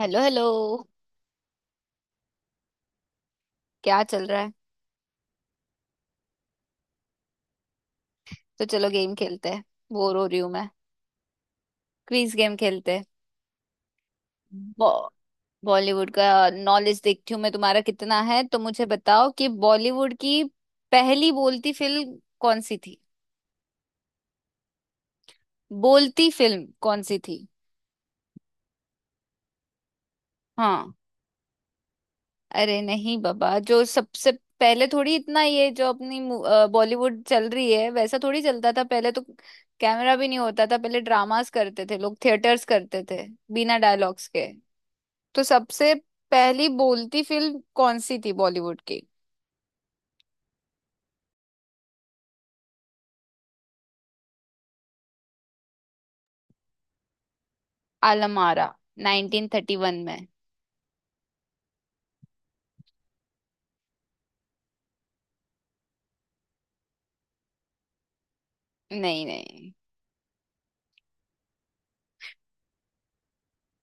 Hello hello. क्या चल रहा है? तो चलो गेम खेलते हैं। बोर हो रही हूँ मैं। क्विज गेम खेलते हैं। बॉ- बॉलीवुड का नॉलेज देखती हूँ मैं तुम्हारा कितना है, तो मुझे बताओ कि बॉलीवुड की पहली बोलती फिल्म कौन सी थी? बोलती फिल्म कौन सी थी? हाँ। अरे नहीं बाबा, जो सबसे पहले थोड़ी, इतना ये जो अपनी बॉलीवुड चल रही है वैसा थोड़ी चलता था पहले तो। कैमरा भी नहीं होता था पहले, ड्रामास करते थे लोग, थिएटर्स करते थे बिना डायलॉग्स के। तो सबसे पहली बोलती फिल्म कौन सी थी बॉलीवुड की? आलमारा, 1931 में। नहीं नहीं।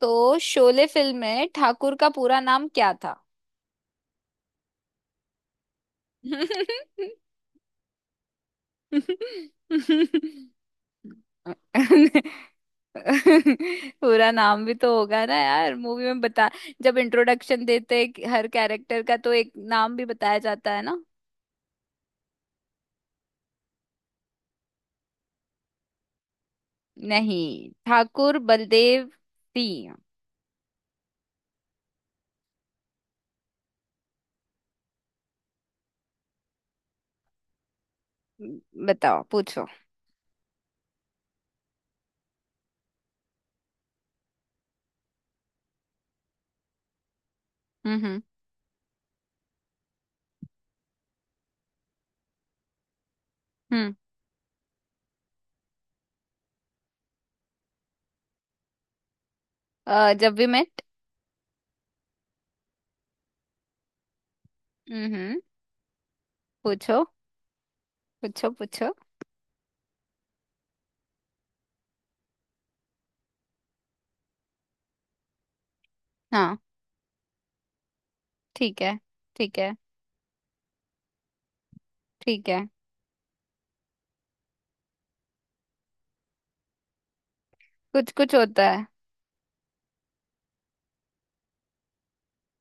तो शोले फिल्म में ठाकुर का पूरा नाम क्या था? पूरा नाम भी तो होगा ना यार, मूवी में बता। जब इंट्रोडक्शन देते हैं कि हर कैरेक्टर का, तो एक नाम भी बताया जाता है ना। नहीं, ठाकुर बलदेव सिंह। बताओ, पूछो। हम्म। हम्म। जब वी मेट। हम्म। पूछो, पूछो, पूछो। हाँ ठीक है। ठीक है। ठीक है। कुछ कुछ होता है।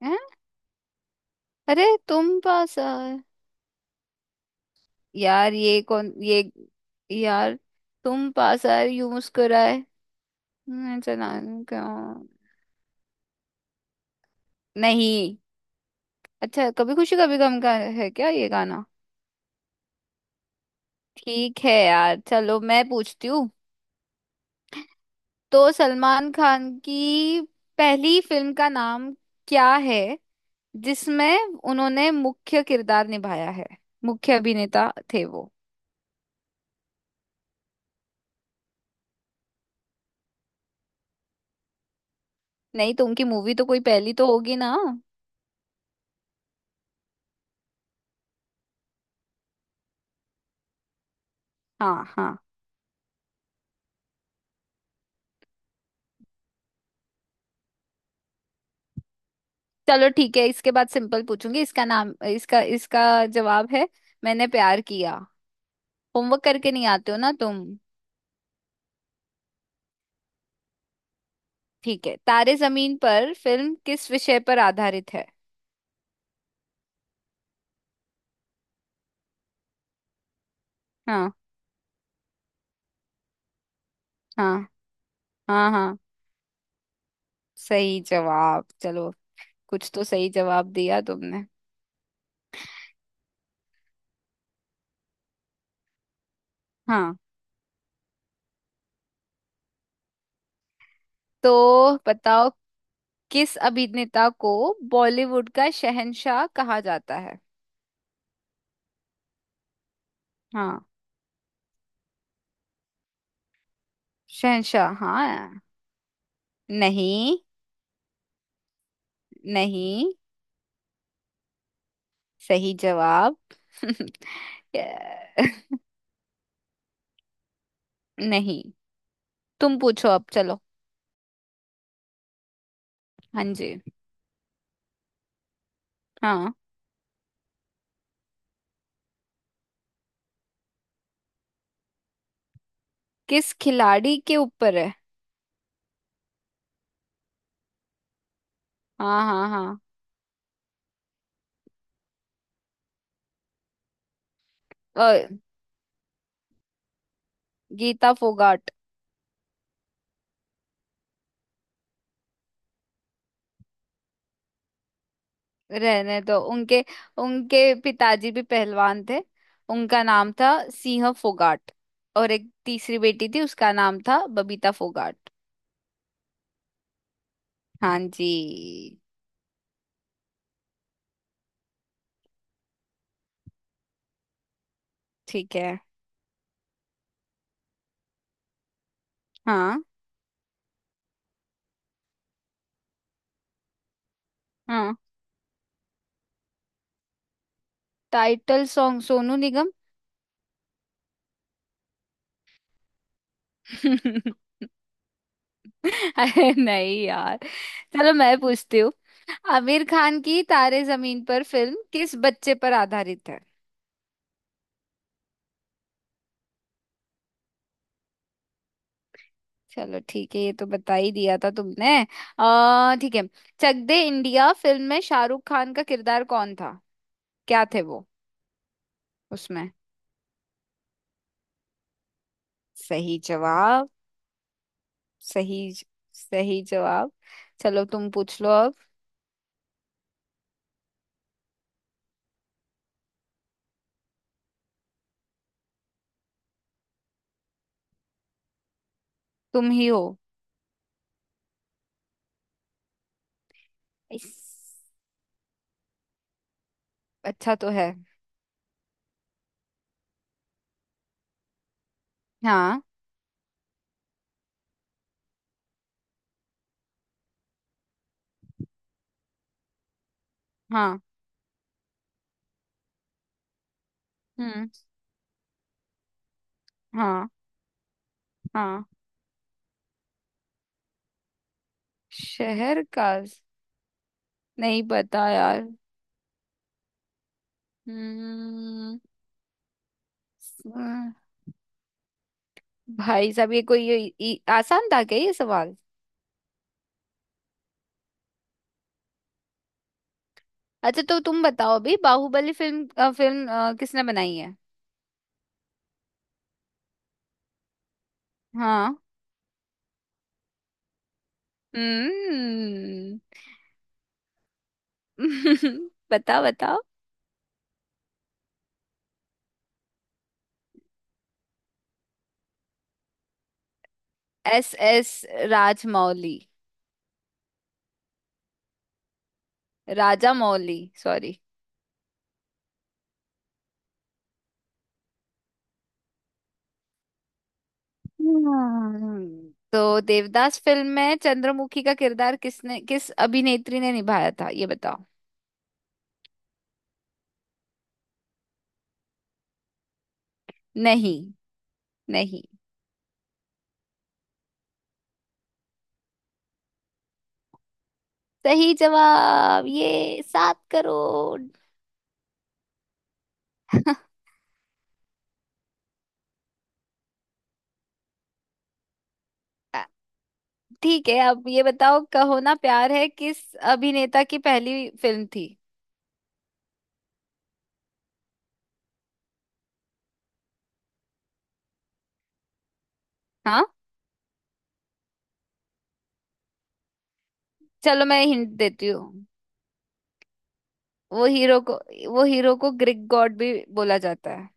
हैं? अरे तुम पास आए। यार ये कौन ये। यार तुम पास आए यूं मुस्कुराए। चला। क्यों? नहीं। अच्छा, कभी खुशी कभी गम का है क्या ये गाना? ठीक है यार, चलो मैं पूछती हूँ। तो सलमान खान की पहली फिल्म का नाम क्या है जिसमें उन्होंने मुख्य किरदार निभाया है? मुख्य अभिनेता थे वो। नहीं तो उनकी मूवी तो कोई पहली तो होगी ना। हाँ हाँ। चलो ठीक है, इसके बाद सिंपल पूछूंगी। इसका नाम, इसका इसका जवाब है मैंने प्यार किया। होमवर्क करके नहीं आते हो ना तुम। ठीक है, तारे जमीन पर फिल्म किस विषय पर आधारित है? हाँ हाँ हाँ हाँ, सही जवाब। चलो, कुछ तो सही जवाब दिया तुमने। हाँ। तो बताओ, किस अभिनेता को बॉलीवुड का शहंशाह कहा जाता है? हाँ। शहंशाह, हाँ। नहीं। नहीं। सही जवाब। Yeah. नहीं, तुम पूछो अब, चलो। हाँ जी। हाँ। किस खिलाड़ी के ऊपर है? हाँ हाँ हाँ। अ, गीता फोगाट। रहने दो उनके। उनके पिताजी भी पहलवान थे। उनका नाम था सिंह फोगाट। और एक तीसरी बेटी थी, उसका नाम था बबीता फोगाट। हाँ जी। ठीक है। हाँ हाँ। Title song, Sonu Nigam. अरे नहीं यार। चलो मैं पूछती हूँ। आमिर खान की तारे जमीन पर फिल्म किस बच्चे पर आधारित है? चलो ठीक है, ये तो बता ही दिया था तुमने। आ ठीक है। चक दे इंडिया फिल्म में शाहरुख खान का किरदार कौन था? क्या थे वो, उसमें? सही जवाब। सही, सही जवाब। चलो तुम पूछ लो अब। तुम ही हो। इस। अच्छा तो है। हाँ हाँ। हम्म। हाँ हाँ। शहर का नहीं पता यार। हम्म। स- भाई साहब, ये कोई आसान था क्या ये सवाल? अच्छा तो तुम बताओ अभी, बाहुबली फिल्म किसने बनाई है? हाँ। हम्म। बताओ, बताओ। S S Rajamouli. Rajamouli, sorry. हम्म। तो देवदास फिल्म में चंद्रमुखी का किरदार किसने, किस अभिनेत्री ने निभाया था, ये बताओ। नहीं। नहीं। सही जवाब, ये 7 करोड़। अ, ठीक है, अब ये बताओ, कहो ना प्यार है किस अभिनेता की पहली फिल्म थी? हाँ, चलो मैं हिंट देती हूँ। वो हीरो को वो हीरो को ग्रीक गॉड भी बोला जाता है।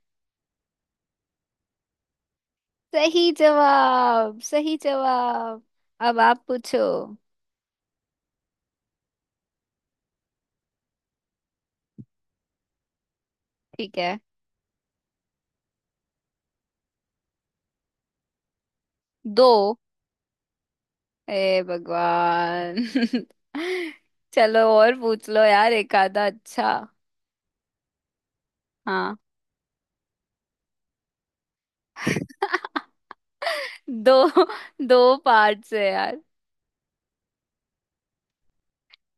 सही जवाब, सही जवाब। अब आप पूछो। ठीक है। दो। हे भगवान। चलो और पूछ लो यार, एक आधा अच्छा। हाँ। दो। दो पार्ट्स है यार।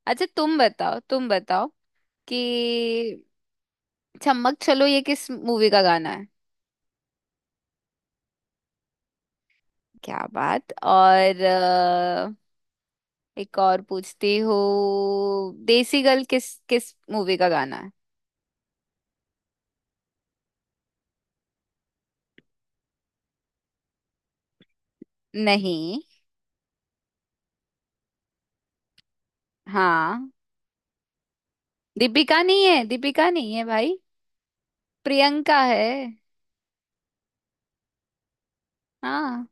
अच्छा, तुम बताओ, तुम बताओ कि चम्मक चलो ये किस मूवी का गाना है? क्या बात। और एक और पूछती हूँ, देसी गर्ल किस किस मूवी का गाना है? नहीं। हाँ। दीपिका नहीं है, दीपिका नहीं है भाई। प्रियंका है। हाँ।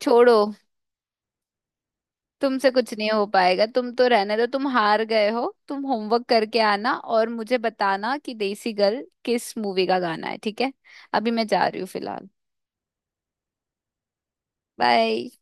छोड़ो। तुमसे कुछ नहीं हो पाएगा, तुम तो रहने दो, तुम हार गए हो। तुम होमवर्क करके आना और मुझे बताना कि देसी गर्ल किस मूवी का गाना है, ठीक है? अभी मैं जा रही हूँ फिलहाल। बाय।